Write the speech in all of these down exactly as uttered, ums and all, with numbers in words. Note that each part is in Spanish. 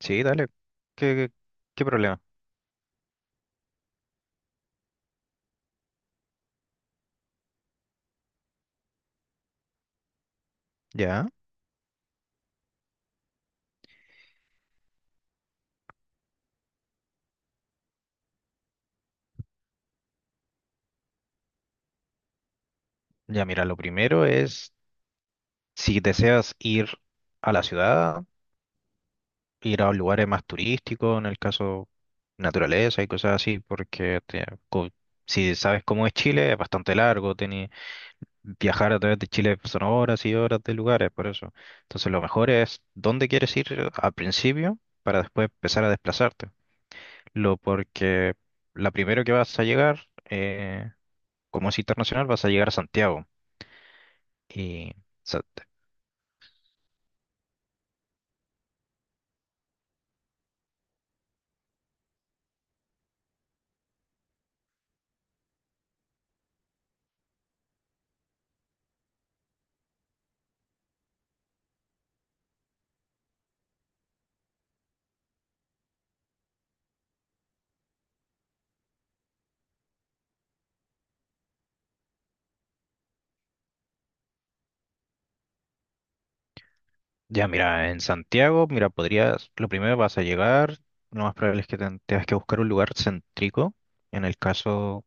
Sí, dale. ¿Qué, qué qué problema? Ya, ya mira, lo primero es si deseas ir a la ciudad, ir a lugares más turísticos, en el caso naturaleza y cosas así, porque te- co- si sabes cómo es Chile, es bastante largo, teni- viajar a través de Chile son horas y horas de lugares, por eso. Entonces lo mejor es dónde quieres ir al principio para después empezar a desplazarte. Lo porque la primero que vas a llegar, eh, como es internacional, vas a llegar a Santiago. Y, o ya mira, en Santiago, mira, podrías, lo primero vas a llegar, lo más probable es que ten- tengas que buscar un lugar céntrico. En el caso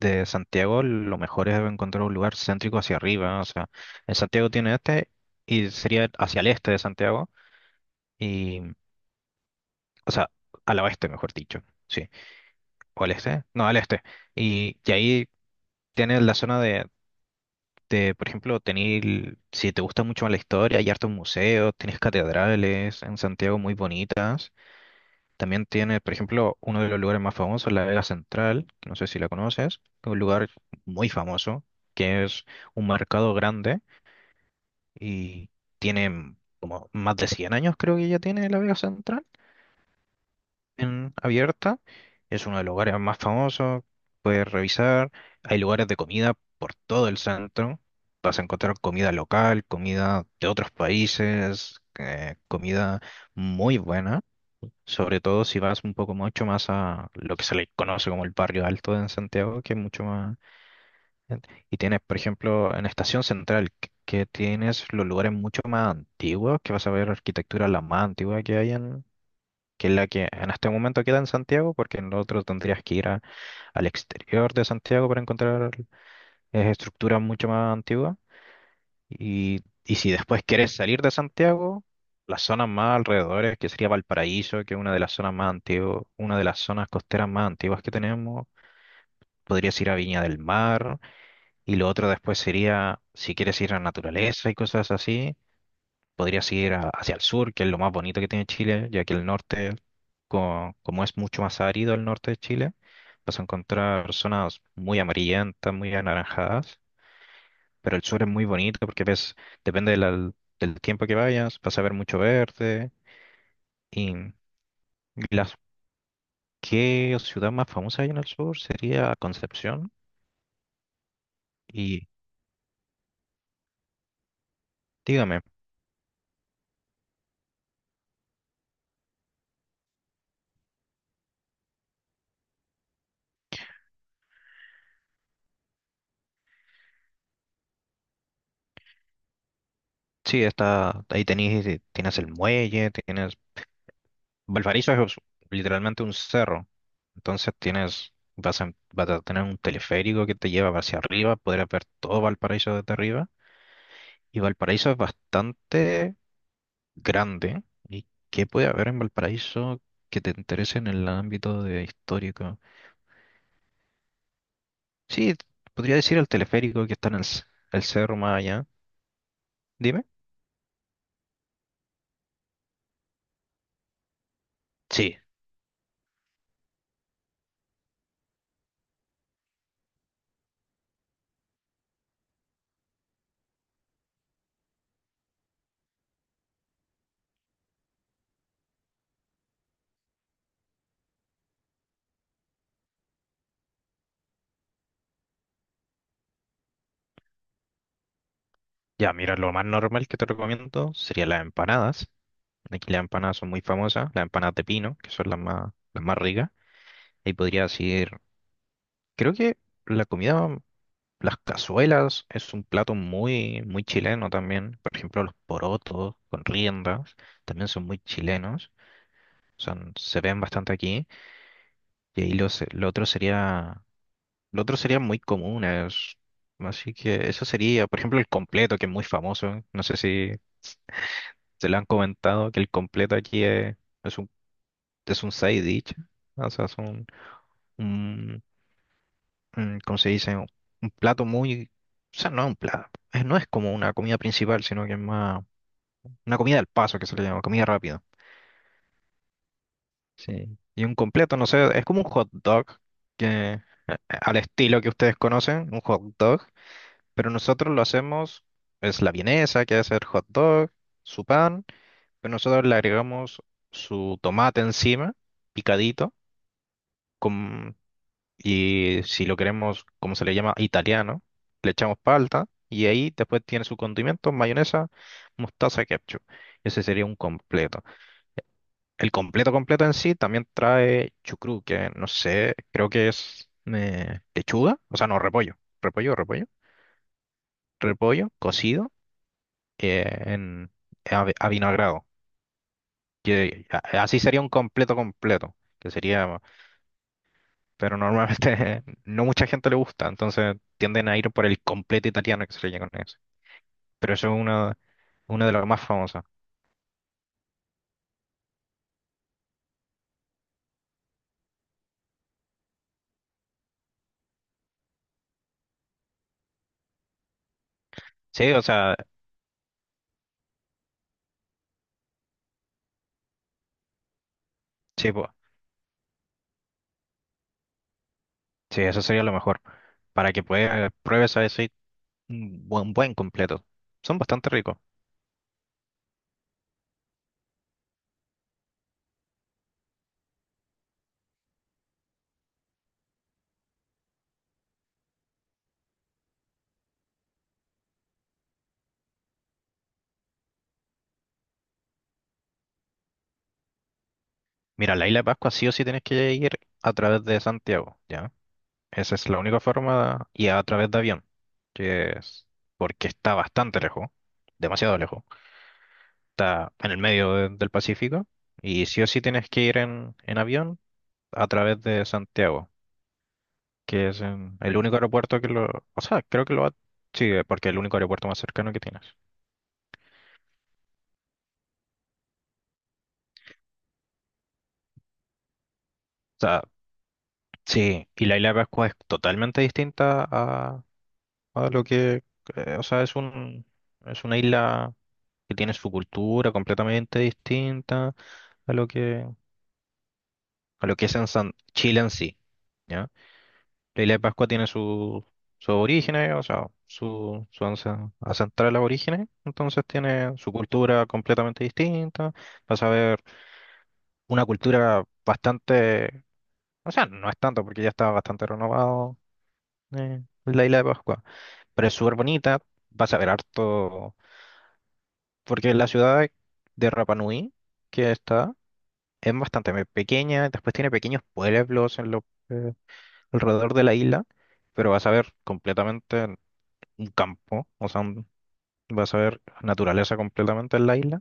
de Santiago, lo mejor es encontrar un lugar céntrico hacia arriba. O sea, en Santiago tiene este y sería hacia el este de Santiago. Y, o sea, al oeste, mejor dicho. Sí. O al este. No, al este. Y, y ahí tienes la zona de Te- por ejemplo, tener si te gusta mucho la historia, hay hartos museos, tienes catedrales en Santiago muy bonitas. También tiene, por ejemplo, uno de los lugares más famosos, la Vega Central, que no sé si la conoces, que es un lugar muy famoso, que es un mercado grande y tiene mm, como más de cien años, creo que ya tiene la Vega Central en- abierta. Es uno de los lugares más famosos. Puedes revisar. Hay lugares de comida por todo el centro. Vas a encontrar comida local, comida de otros países, eh, comida muy buena. Sobre todo si vas un poco mucho más a lo que se le conoce como el barrio alto en Santiago, que es mucho más... Y tienes, por ejemplo, en Estación Central, que que tienes los lugares mucho más antiguos, que vas a ver arquitectura la más antigua que hay que es la que en este momento queda en Santiago, porque en lo otro tendrías que ir a- al exterior de Santiago para encontrar eh, estructuras mucho más antiguas. Y, y si después quieres salir de Santiago, las zonas más alrededores, que sería Valparaíso, que es una de las zonas más antiguas, una de las zonas costeras más antiguas que tenemos, podrías ir a Viña del Mar. Y lo otro después sería, si quieres ir a naturaleza y cosas así. Podrías ir a- hacia el sur, que es lo más bonito que tiene Chile, ya que el norte, co- como, es mucho más árido el norte de Chile, vas a encontrar zonas muy amarillentas, muy anaranjadas, pero el sur es muy bonito porque ves, depende de la- del tiempo que vayas, vas a ver mucho verde. Y las, ¿qué ciudad más famosa hay en el sur? Sería Concepción. Y dígame, sí, está, ahí tenés, tienes el muelle, tienes Valparaíso es literalmente un cerro, entonces tienes, vas a, vas a tener un teleférico que te lleva hacia arriba, podrás ver todo Valparaíso desde arriba. Y Valparaíso es bastante grande. ¿Y qué puede haber en Valparaíso que te interese en el ámbito de histórico? Sí, podría decir el teleférico que está en el, c- el cerro más allá. Dime. Sí, ya mira, lo más normal que te recomiendo serían las empanadas. Aquí las empanadas son muy famosas, las empanadas de pino, que son las más, las más ricas. Ahí podría decir, creo que la comida, las cazuelas, es un plato muy, muy chileno también. Por ejemplo, los porotos con riendas también son muy chilenos. Son, se ven bastante aquí. Y ahí los- lo otro sería, lo otro sería muy común. es- así que eso sería, por ejemplo, el completo, que es muy famoso. No sé si se lo han comentado, que el completo aquí es, es un, es un side dish. O sea, es un, mm, ¿cómo se dice? Un un plato muy, o sea, no es un plato, eh, no es como una comida principal, sino que es más una comida al paso que se le llama, comida rápida. Sí. Y un completo, no sé, es como un hot dog, que eh, al estilo que ustedes conocen, un hot dog, pero nosotros lo hacemos, es la vienesa, que es el hot dog, su pan, pero nosotros le agregamos su tomate encima, picadito, con. Y si lo queremos, como se le llama, italiano, le echamos palta y ahí después tiene su condimento, mayonesa, mostaza, ketchup. Ese sería un completo. El completo completo en sí también trae chucrú, que no sé, creo que es eh, lechuga, o sea, no, repollo, repollo, repollo, repollo cocido eh, en a, a vinagrado. Que, a- así sería un completo completo, que sería pero normalmente no mucha gente le gusta, entonces tienden a ir por el completo italiano que se le llama con eso. Pero eso es uno, uno de los más famosos. Sí, o sea, sí, po- sí, eso sería lo mejor, para que puedas, pruebes a decir un buen, buen completo. Son bastante ricos. Mira, la isla de Pascua sí o sí tienes que ir a través de Santiago, ¿ya? Esa es la única forma, y a través de avión, que es porque está bastante lejos, demasiado lejos. Está en el medio de- del Pacífico y sí o sí tienes que ir en, en avión a través de Santiago, que es en- el único aeropuerto que lo... O sea, creo que lo va... Sí, porque es el único aeropuerto más cercano que tienes. O sea, sí, y la isla de Pascua es totalmente distinta a, a lo que... eh, o sea, es un, es una isla que tiene su cultura completamente distinta a lo que, a lo que es en San- Chile en sí. La isla de Pascua tiene su, sus orígenes, o sea, su, su ansa- ancestrales orígenes, entonces tiene su cultura completamente distinta. Vas a ver una cultura bastante, o sea, no es tanto porque ya está bastante renovado eh, la isla de Pascua, pero es súper bonita. Vas a ver harto, porque la ciudad de Rapa Nui que está es bastante me- pequeña, después tiene pequeños pueblos en lo, eh, alrededor de la isla, pero vas a ver completamente un campo, o sea, un- vas a ver naturaleza completamente en la isla.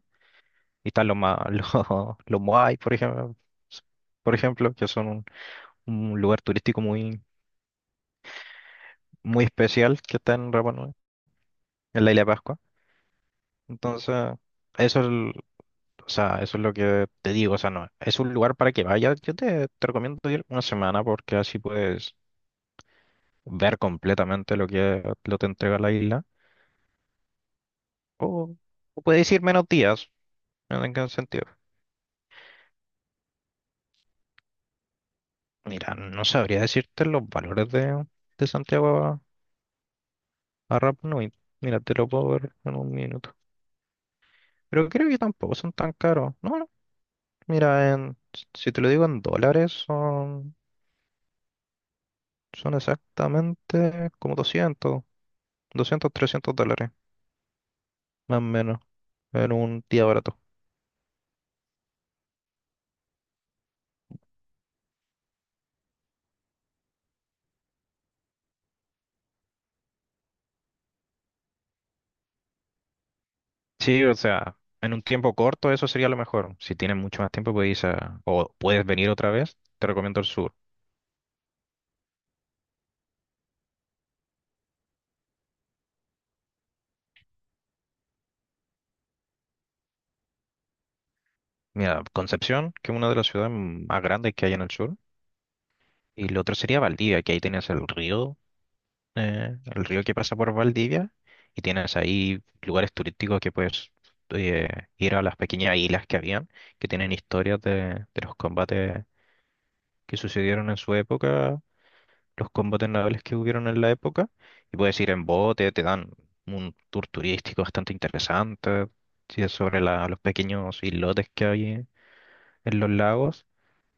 Y están los, ma- los, los Moai, por ejemplo, por ejemplo, que son un, un lugar turístico muy, muy especial que está en Rapa Nui, en la isla de Pascua. Entonces, eso es, el- o sea, eso es lo que te digo, o sea, no, es un lugar para que vayas. Yo te, te recomiendo ir una semana porque así puedes ver completamente lo que lo te entrega la isla. O, o puedes ir menos días, no tenga sentido. Mira, no sabría decirte los valores de, de Santiago a, a Rap Nui. Mira, te lo puedo ver en un minuto. Pero creo que tampoco son tan caros. No, no. Mira, en, si te lo digo en dólares, son, son exactamente como doscientos, doscientos, trescientos dólares, más o menos, en un día barato. Sí, o sea, en un tiempo corto eso sería lo mejor. Si tienes mucho más tiempo, puedes, ir a- o puedes venir otra vez, te recomiendo el sur. Mira, Concepción, que es una de las ciudades más grandes que hay en el sur. Y lo otro sería Valdivia, que ahí tienes el río, eh, el río que pasa por Valdivia, y tienes ahí lugares turísticos que puedes eh, ir a las pequeñas islas que habían, que tienen historias de, de los combates que sucedieron en su época, los combates navales que hubieron en la época, y puedes ir en bote, te dan un tour turístico bastante interesante, sí, es sobre la- los pequeños islotes que hay en los lagos,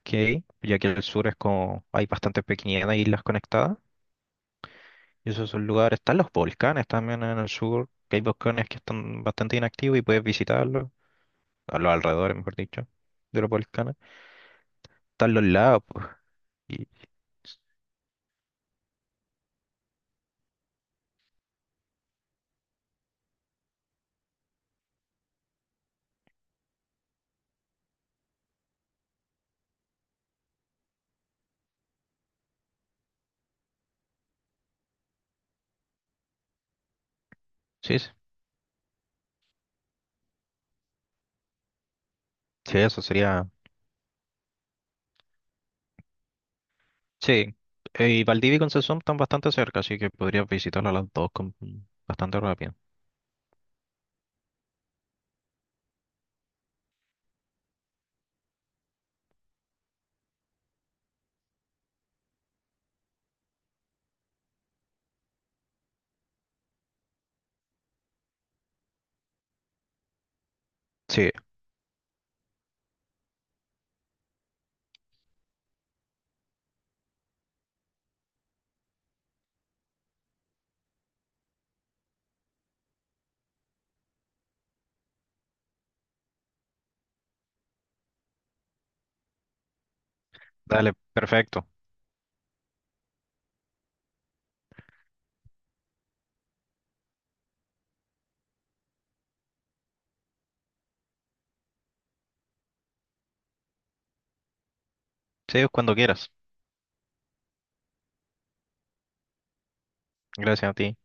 que hay, ya que el sur es como hay bastantes pequeñas islas conectadas. Y esos son lugares, están los volcanes también en el sur, que hay volcanes que están bastante inactivos y puedes visitarlos, a los alrededores, mejor dicho, de los volcanes. Están los lagos, pues, y s- sí, sí, eso sería. Sí, eh, y Valdivia y Concepción están bastante cerca, así que podrías visitarlas las dos con, bastante rápido. Sí, dale, perfecto. Sí, cuando quieras. Gracias a ti.